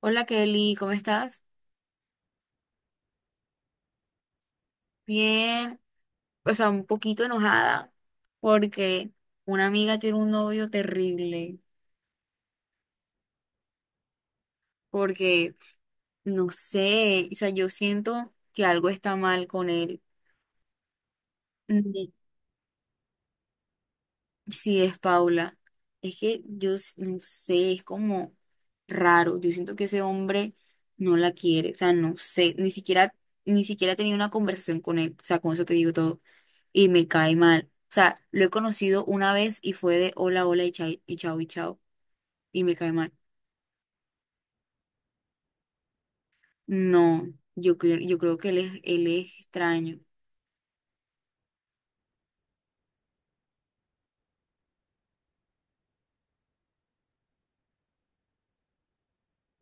Hola Kelly, ¿cómo estás? Bien, o sea, un poquito enojada porque una amiga tiene un novio terrible, porque no sé, o sea, yo siento que algo está mal con él. No, sí, es Paula. Es que no sé, es como raro. Yo siento que ese hombre no la quiere. O sea, no sé. Ni siquiera he tenido una conversación con él. O sea, con eso te digo todo. Y me cae mal. O sea, lo he conocido una vez y fue de hola, hola y chao, y chao, y chao. Y me cae mal. No, yo, cre- yo creo que él es extraño.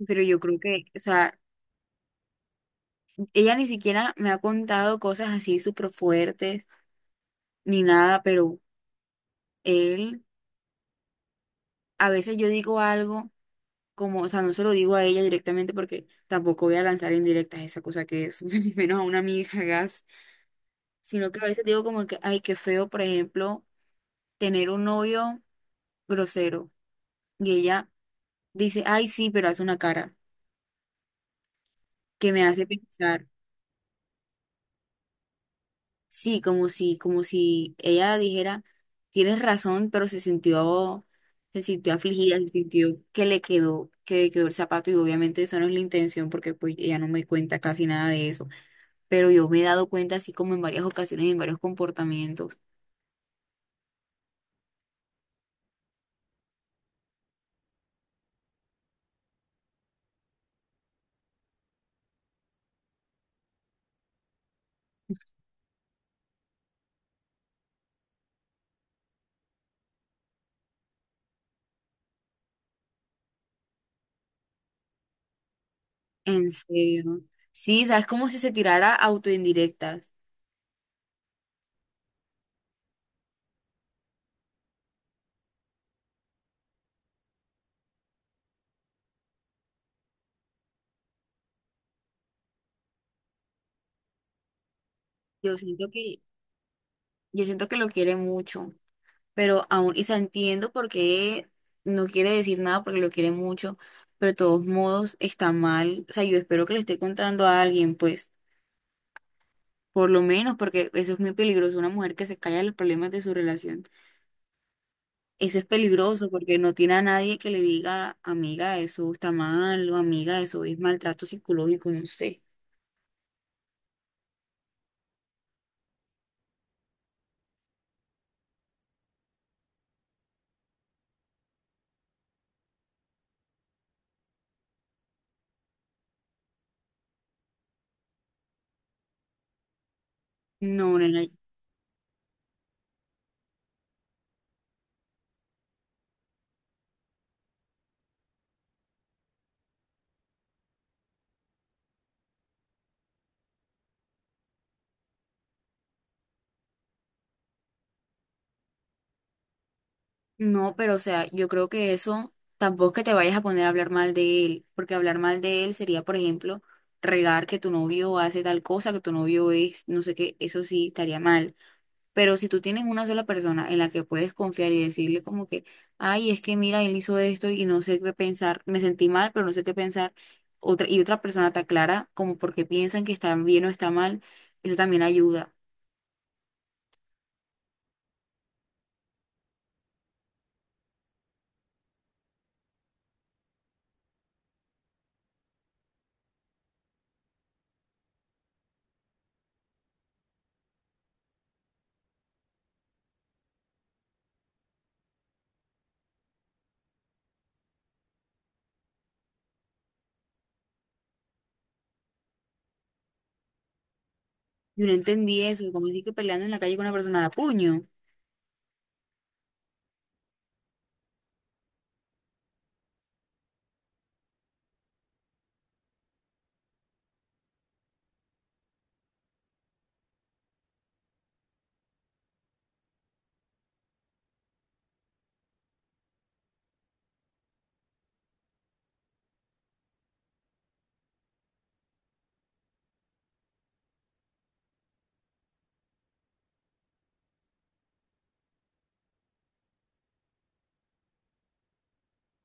Pero yo creo que, o sea, ella ni siquiera me ha contado cosas así súper fuertes ni nada, pero él. A veces yo digo algo como, o sea, no se lo digo a ella directamente porque tampoco voy a lanzar indirectas esa cosa que es, ni menos a una amiga, gas, sino que a veces digo como que, ay, qué feo, por ejemplo, tener un novio grosero y ella dice, ay, sí, pero hace una cara que me hace pensar, sí, como si ella dijera, tienes razón, pero se sintió afligida, se sintió que que le quedó el zapato y obviamente eso no es la intención porque pues ella no me cuenta casi nada de eso. Pero yo me he dado cuenta así como en varias ocasiones, en varios comportamientos. En serio. Sí, sabes como si se tirara autoindirectas. Yo siento que, yo siento que lo quiere mucho, pero aún, y se entiendo por qué no quiere decir nada porque lo quiere mucho, pero de todos modos está mal. O sea, yo espero que le esté contando a alguien, pues, por lo menos, porque eso es muy peligroso, una mujer que se calla los problemas de su relación. Eso es peligroso porque no tiene a nadie que le diga, amiga, eso está mal, o amiga, eso es maltrato psicológico, no sé. No, nena, no, pero o sea, yo creo que eso tampoco es que te vayas a poner a hablar mal de él, porque hablar mal de él sería, por ejemplo, regar que tu novio hace tal cosa, que tu novio es, no sé qué, eso sí estaría mal. Pero si tú tienes una sola persona en la que puedes confiar y decirle como que, ay, es que mira, él hizo esto y no sé qué pensar, me sentí mal, pero no sé qué pensar, otra, y otra persona te aclara como porque piensan que está bien o está mal, eso también ayuda. Yo no entendí eso, como así que peleando en la calle con una persona de a puño.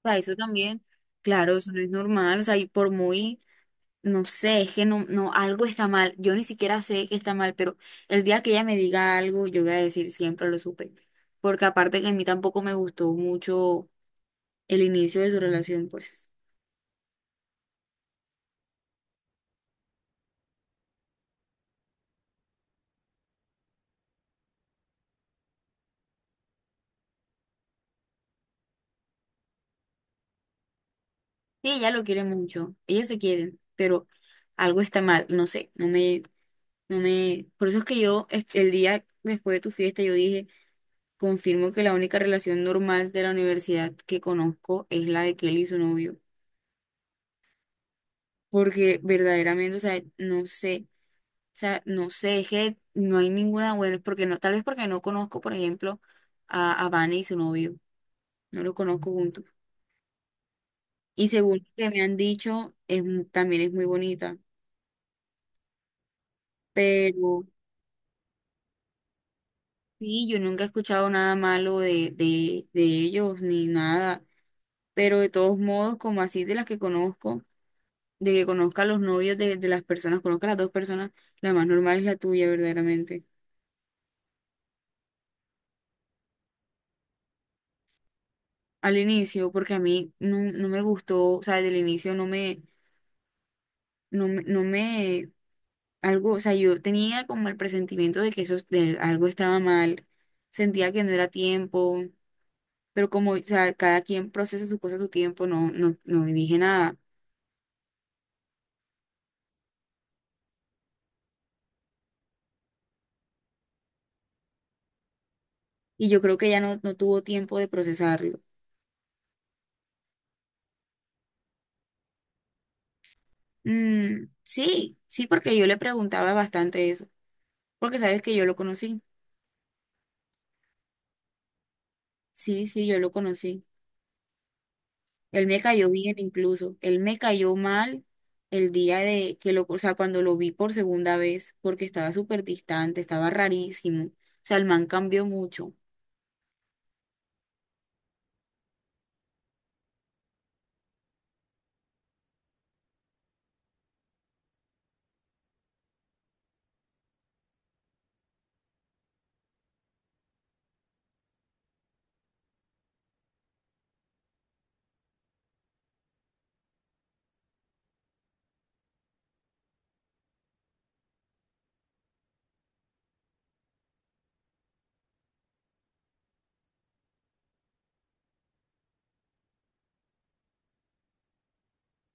O sea, eso también, claro, eso no es normal, o sea, y por muy no sé, es que no, algo está mal. Yo ni siquiera sé que está mal, pero el día que ella me diga algo, yo voy a decir siempre lo supe. Porque aparte que a mí tampoco me gustó mucho el inicio de su relación, pues. Y ella lo quiere mucho, ellos se quieren, pero algo está mal, no sé, no me. Por eso es que el día después de tu fiesta, yo dije, confirmo que la única relación normal de la universidad que conozco es la de Kelly y su novio. Porque verdaderamente, o sea, no sé. O sea, no sé, es que no hay ninguna buena, porque no, tal vez porque no conozco, por ejemplo, a Vane y su novio, no los conozco juntos. Y según lo que me han dicho, también es muy bonita, pero sí, yo nunca he escuchado nada malo de ellos ni nada, pero de todos modos, como así de las que conozco, de que conozca a los novios de las personas, conozca a las dos personas, la más normal es la tuya, verdaderamente. Al inicio, porque a mí no me gustó, o sea, desde el inicio no me, algo, o sea, yo tenía como el presentimiento de que eso, de algo estaba mal, sentía que no era tiempo, pero como, o sea, cada quien procesa su cosa a su tiempo, no dije nada. Y yo creo que ella no tuvo tiempo de procesarlo. Mm, sí, sí, porque yo le preguntaba bastante eso, porque sabes que yo lo conocí. Sí, sí, yo lo conocí. Él me cayó bien incluso. Él me cayó mal el día de que lo, o sea, cuando lo vi por segunda vez, porque estaba súper distante, estaba rarísimo. O sea, el man cambió mucho.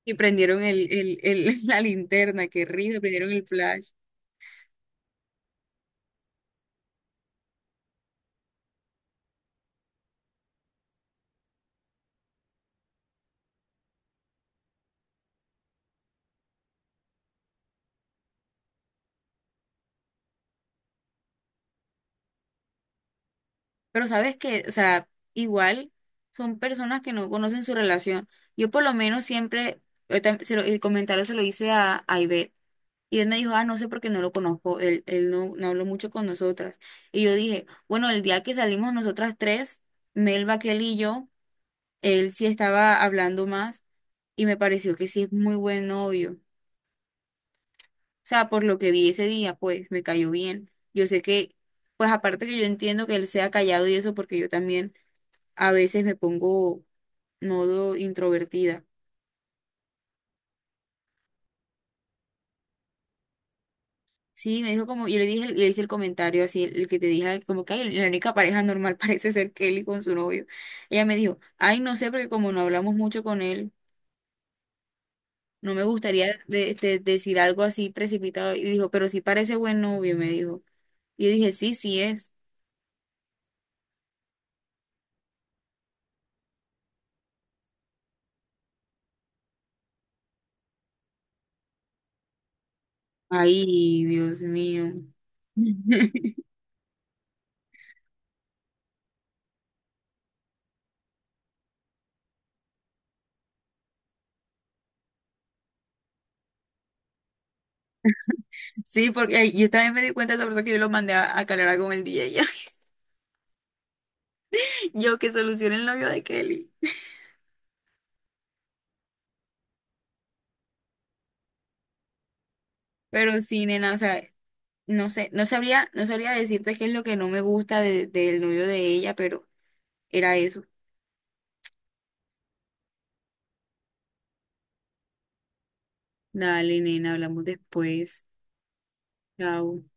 Y prendieron la linterna, qué risa, prendieron el flash. Pero sabes que, o sea, igual son personas que no conocen su relación. Yo por lo menos siempre, se lo, el comentario se lo hice a Ivette. Y él me dijo, ah, no sé porque no lo conozco, él, no habló mucho con nosotras. Y yo dije, bueno, el día que salimos nosotras tres, Melba, Kelly y yo, él sí estaba hablando más y me pareció que sí es muy buen novio. O sea, por lo que vi ese día, pues me cayó bien. Yo sé que, pues aparte que yo entiendo que él sea callado y eso, porque yo también a veces me pongo modo introvertida. Sí, me dijo como, yo le dije, le hice el comentario así, el que te dije, como que "Ay, la única pareja normal parece ser Kelly con su novio. Ella me dijo, ay, no sé, porque como no hablamos mucho con él, no me gustaría decir algo así precipitado. Y dijo, pero sí parece buen novio, me dijo. Y yo dije, sí, sí es. Ay, Dios mío. Sí, porque ay, yo también me di cuenta de esa persona que yo lo mandé a calar con el DJ. Yo que solucione el novio de Kelly. Pero sí, nena, o sea. No sé, no sabría decirte qué es lo que no me gusta del novio de ella, pero era eso. Dale, nena, hablamos después. Chao.